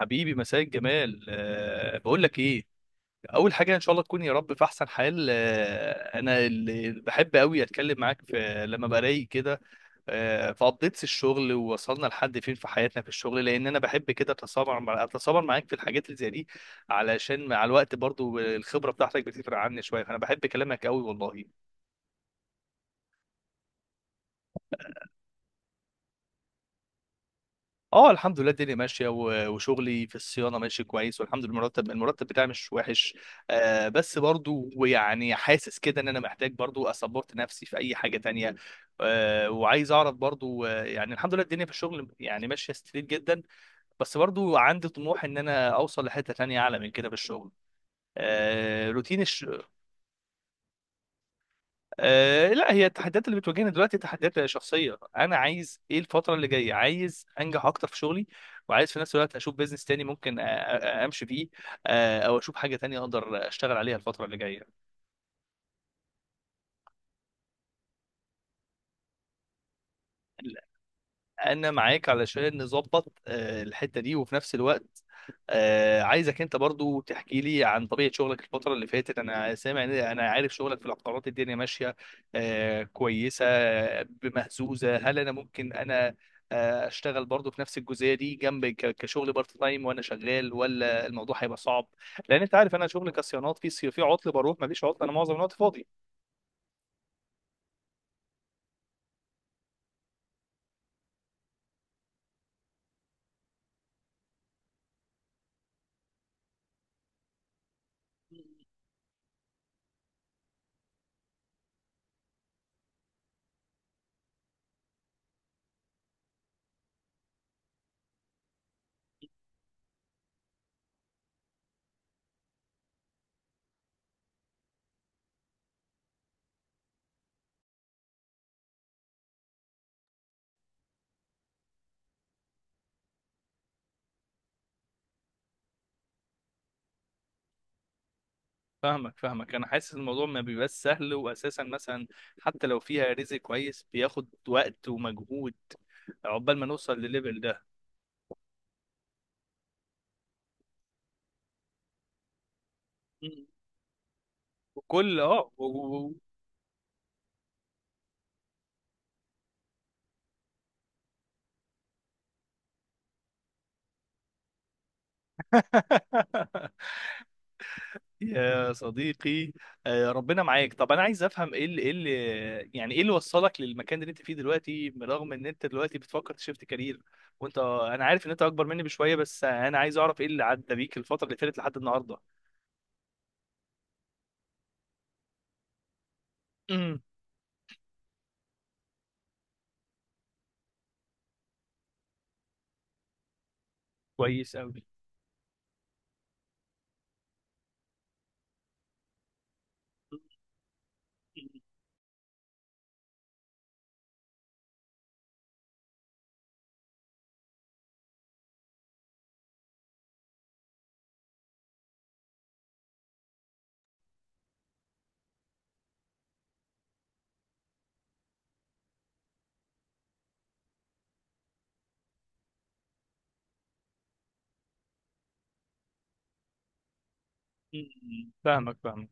حبيبي، مساء الجمال. بقول لك ايه، اول حاجه ان شاء الله تكون يا رب في احسن حال. انا اللي بحب قوي اتكلم معاك في لما برايق كده، في ابديتس الشغل، ووصلنا لحد فين في حياتنا في الشغل، لان انا بحب كده اتسامر معاك في الحاجات اللي زي دي، علشان مع الوقت برضو الخبره بتاعتك بتفرق عني شويه، فانا بحب كلامك قوي والله. اه، الحمد لله الدنيا ماشيه، وشغلي في الصيانه ماشي كويس، والحمد لله المرتب بتاعي مش وحش. بس برضو ويعني حاسس كده ان انا محتاج برضو اسبورت نفسي في اي حاجه تانية. وعايز اعرف برضو يعني الحمد لله الدنيا في الشغل يعني ماشيه ستريت جدا، بس برضو عندي طموح ان انا اوصل لحته تانية اعلى من كده في الشغل. روتين. لا، هي التحديات اللي بتواجهني دلوقتي تحديات شخصيه. انا عايز ايه الفتره اللي جايه؟ عايز انجح اكتر في شغلي، وعايز في نفس الوقت اشوف بيزنس تاني ممكن امشي فيه، او اشوف حاجه تانية اقدر اشتغل عليها الفتره اللي جايه. انا معاك علشان نظبط، الحته دي، وفي نفس الوقت، عايزك انت برضو تحكي لي عن طبيعه شغلك الفتره اللي فاتت. انا سامع انا عارف شغلك في العقارات الدنيا ماشيه، كويسه، بمهزوزه. هل انا ممكن انا اشتغل برضو في نفس الجزئيه دي جنب كشغل بارت تايم وانا شغال، ولا الموضوع هيبقى صعب؟ لان انت عارف انا شغلي كصيانات في في عطل، بروح مفيش عطل، انا معظم الوقت فاضي. فاهمك، انا حاسس الموضوع ما بيبقاش سهل، واساسا مثلا حتى لو فيها رزق كويس بياخد وقت ومجهود عقبال ما نوصل للليفل ده. مم. وكل اه يا صديقي، ربنا معاك. طب انا عايز افهم ايه اللي يعني ايه اللي وصلك للمكان اللي انت فيه دلوقتي، برغم ان انت دلوقتي بتفكر تشيفت كارير. وانت، انا عارف ان انت اكبر مني بشويه، بس انا عايز اعرف ايه اللي عدى بيك الفتره اللي فاتت لحد النهارده. مم. كويس قوي. فاهمك،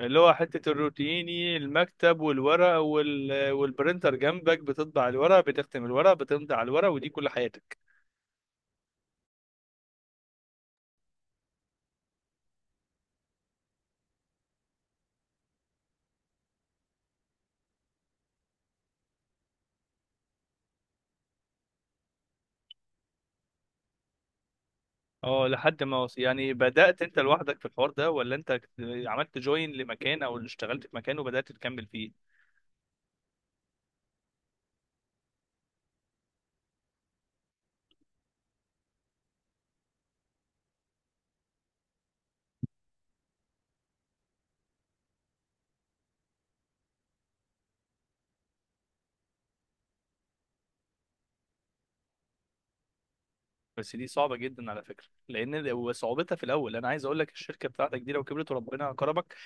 اللي هو حتة الروتيني، المكتب والورق والبرنتر جنبك بتطبع الورق، بتختم الورق، بتمضي على الورق، ودي كل حياتك. اه لحد ما يعني بدأت انت لوحدك في الحوار ده، ولا انت عملت جوين لمكان او اشتغلت في مكان وبدأت تكمل فيه؟ بس دي صعبة جدا على فكرة، لان صعوبتها في الاول. انا عايز اقول لك الشركة بتاعتك دي لو كبرت وربنا كرمك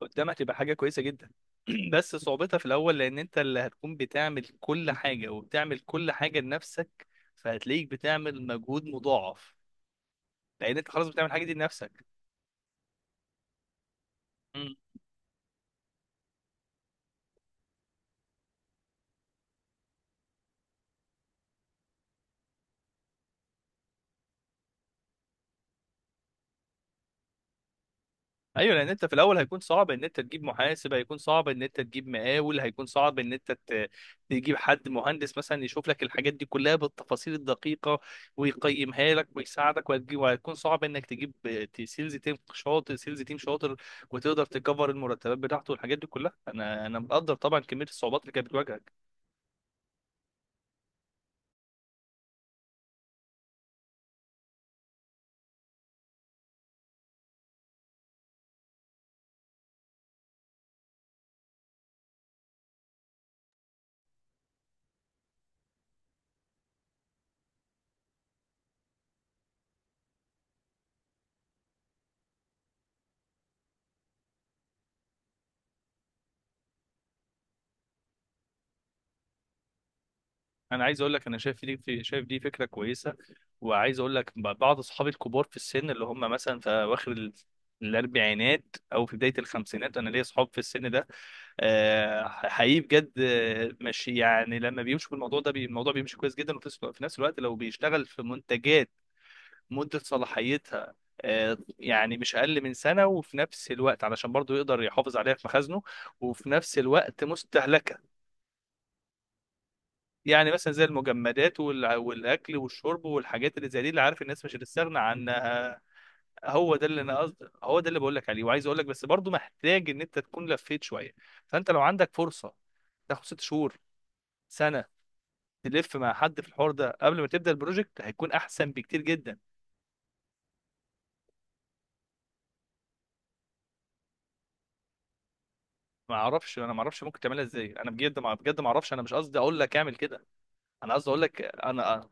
قدامك تبقى حاجه كويسه جدا. بس صعوبتها في الاول، لان انت اللي هتكون بتعمل كل حاجه، وبتعمل كل حاجه لنفسك، فهتلاقيك بتعمل مجهود مضاعف لان انت خلاص بتعمل الحاجه دي لنفسك. ايوه، لان انت في الاول هيكون صعب ان انت تجيب محاسب، هيكون صعب ان انت تجيب مقاول، هيكون صعب ان انت تجيب حد مهندس مثلا يشوف لك الحاجات دي كلها بالتفاصيل الدقيقه ويقيمها لك ويساعدك، وهتجيب، وهيكون صعب انك تجيب سيلز تيم شاطر وتقدر تكفر المرتبات بتاعته والحاجات دي كلها. انا مقدر طبعا كميه الصعوبات اللي كانت بتواجهك. انا عايز اقول لك انا شايف دي فكره كويسه. وعايز اقول لك بعض اصحابي الكبار في السن، اللي هم مثلا في اواخر الاربعينات، او في بدايه الخمسينات، انا ليا اصحاب في السن ده. حقيقي بجد، ماشي، يعني لما بيمشوا بالموضوع ده الموضوع بيمشي كويس جدا. وفي نفس في نفس الوقت لو بيشتغل في منتجات مده صلاحيتها يعني مش اقل من سنه، وفي نفس الوقت علشان برضه يقدر يحافظ عليها في مخازنه، وفي نفس الوقت مستهلكه، يعني مثلا زي المجمدات والاكل والشرب والحاجات اللي زي دي، اللي عارف الناس مش هتستغنى عنها. هو ده اللي انا قصدي. هو ده اللي بقول لك عليه. وعايز اقول لك، بس برضو محتاج ان انت تكون لفيت شويه، فانت لو عندك فرصه تاخد 6 شهور، سنه، تلف مع حد في الحوار ده قبل ما تبدا البروجكت هيكون احسن بكتير جدا. ما اعرفش، ممكن تعملها ازاي، انا بجد ما بجد ما اعرفش، انا مش قصدي اقول لك اعمل كده. انا قصدي اقول لك انا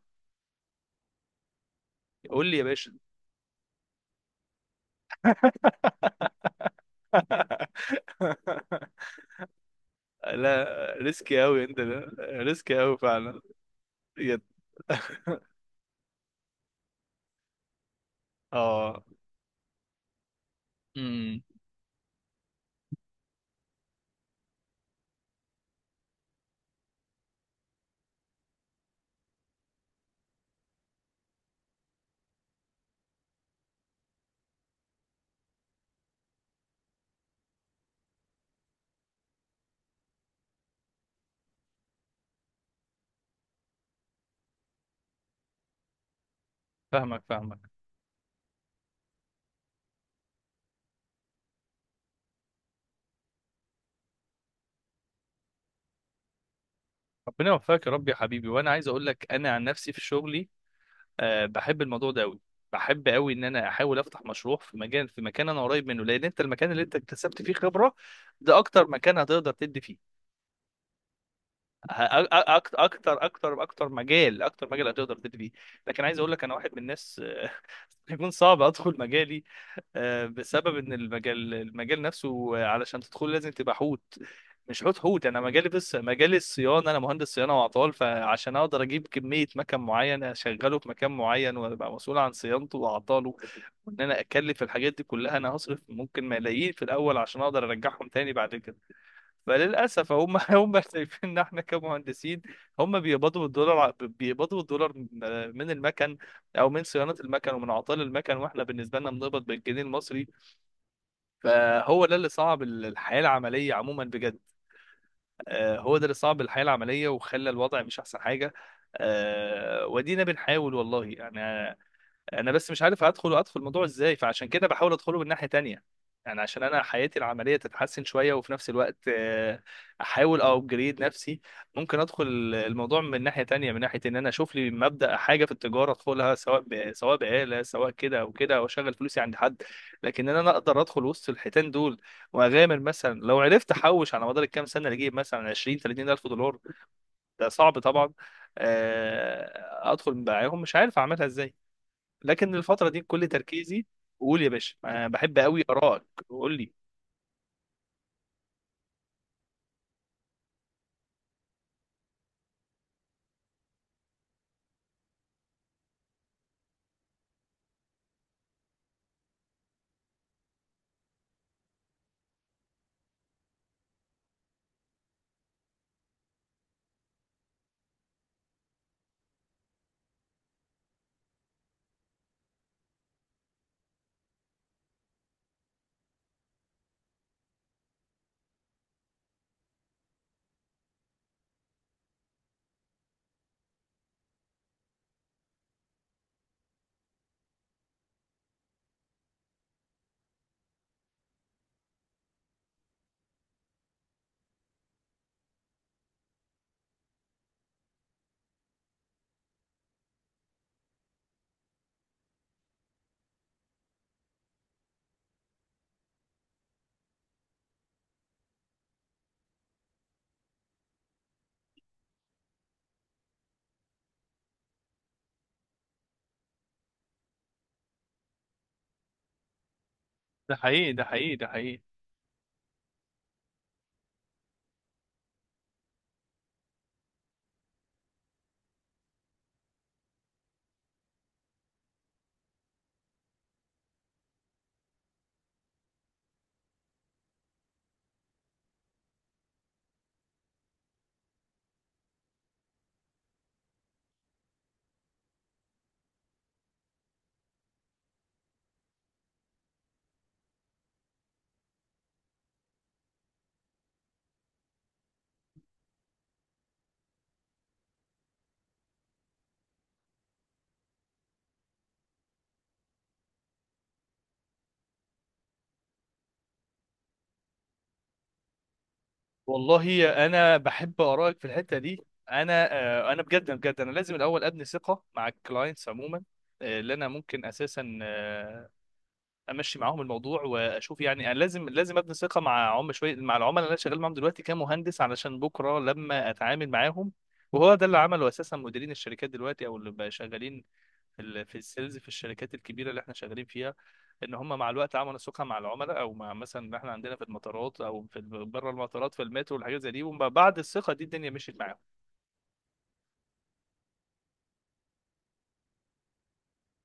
قول لي يا باشا. لا ريسكي قوي انت، ده ريسكي قوي فعلا، بجد. اه. امم فاهمك فاهمك. ربنا يوفقك يا رب يا حبيبي. وانا عايز اقول لك انا عن نفسي في شغلي، بحب الموضوع ده قوي، بحب قوي ان انا احاول افتح مشروع في مجال في مكان انا قريب منه. لان انت المكان اللي انت اكتسبت فيه خبرة ده اكتر مكان هتقدر تدي فيه اكتر اكتر اكتر اكتر. مجال اكتر، مجال هتقدر تبتدي فيه. لكن عايز اقول لك انا واحد من الناس يكون صعب ادخل مجالي، بسبب ان المجال نفسه. علشان تدخل لازم تبقى حوت، مش حوت حوت. انا مجالي بس مجال الصيانه، انا مهندس صيانه واعطال، فعشان اقدر اجيب كميه مكن معين اشغله في مكان معين، وابقى مسؤول عن صيانته واعطاله، وان انا اكلف الحاجات دي كلها انا هصرف ممكن ملايين في الاول عشان اقدر ارجعهم تاني بعد كده. فللاسف هم شايفين ان احنا كمهندسين، هم بيقبضوا الدولار بيقبضوا الدولار من المكن، او من صيانه المكن، ومن اعطال المكن، واحنا بالنسبه لنا بنقبض بالجنيه المصري. فهو ده اللي صعب الحياه العمليه عموما بجد. هو ده اللي صعب الحياه العمليه وخلى الوضع مش احسن حاجه. ودينا بنحاول والله يعني. انا بس مش عارف ادخل الموضوع ازاي، فعشان كده بحاول ادخله من ناحيه تانية، يعني عشان انا حياتي العمليه تتحسن شويه، وفي نفس الوقت احاول ابجريد نفسي. ممكن ادخل الموضوع من ناحيه تانية، من ناحيه ان انا اشوف لي مبدا حاجه في التجاره ادخلها، سواء بآلة، سواء كده او كده، او اشغل فلوسي عند حد. لكن ان انا اقدر ادخل وسط الحيتان دول واغامر، مثلا لو عرفت احوش على مدار الكام سنه اللي اجيب مثلا 20 30 الف دولار، ده صعب طبعا. ادخل معاهم مش عارف اعملها ازاي، لكن الفترة دي كل تركيزي. قول يا باشا، أنا بحب قوي آرائك، قول لي. ده حقيقي ده حقيقي ده حقيقي. والله انا بحب آرائك في الحتة دي. انا انا بجد بجد انا لازم الاول ابني ثقة مع الكلاينتس عموما، اللي انا ممكن اساسا امشي معاهم الموضوع واشوف. يعني انا لازم ابني ثقة مع عم شوية مع العملاء اللي انا شغال معاهم دلوقتي كمهندس، علشان بكرة لما اتعامل معاهم. وهو ده اللي عمله اساسا مديرين الشركات دلوقتي، او اللي بقى شغالين في في السيلز في الشركات الكبيره اللي احنا شغالين فيها. ان هم مع الوقت عملوا سوقها مع العملاء، او مع مثلا إن احنا عندنا في المطارات او في بره المطارات، في المترو والحاجات زي دي. وبعد الثقه دي الدنيا مشيت معاهم.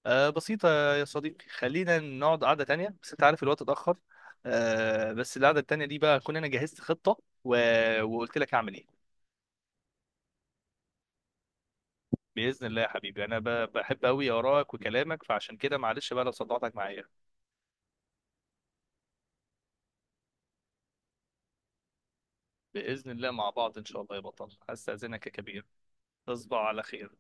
آه، بسيطه. يا صديقي، خلينا نقعد قعده تانية، بس انت عارف الوقت اتاخر. آه، بس القعده التانية دي بقى اكون انا جهزت خطه و... وقلت لك اعمل ايه. باذن الله يا حبيبي، انا بحب قوي ارائك وكلامك، فعشان كده معلش بقى لو صدعتك معايا. باذن الله مع بعض ان شاء الله يا بطل، هستاذنك يا كبير. تصبح على خير.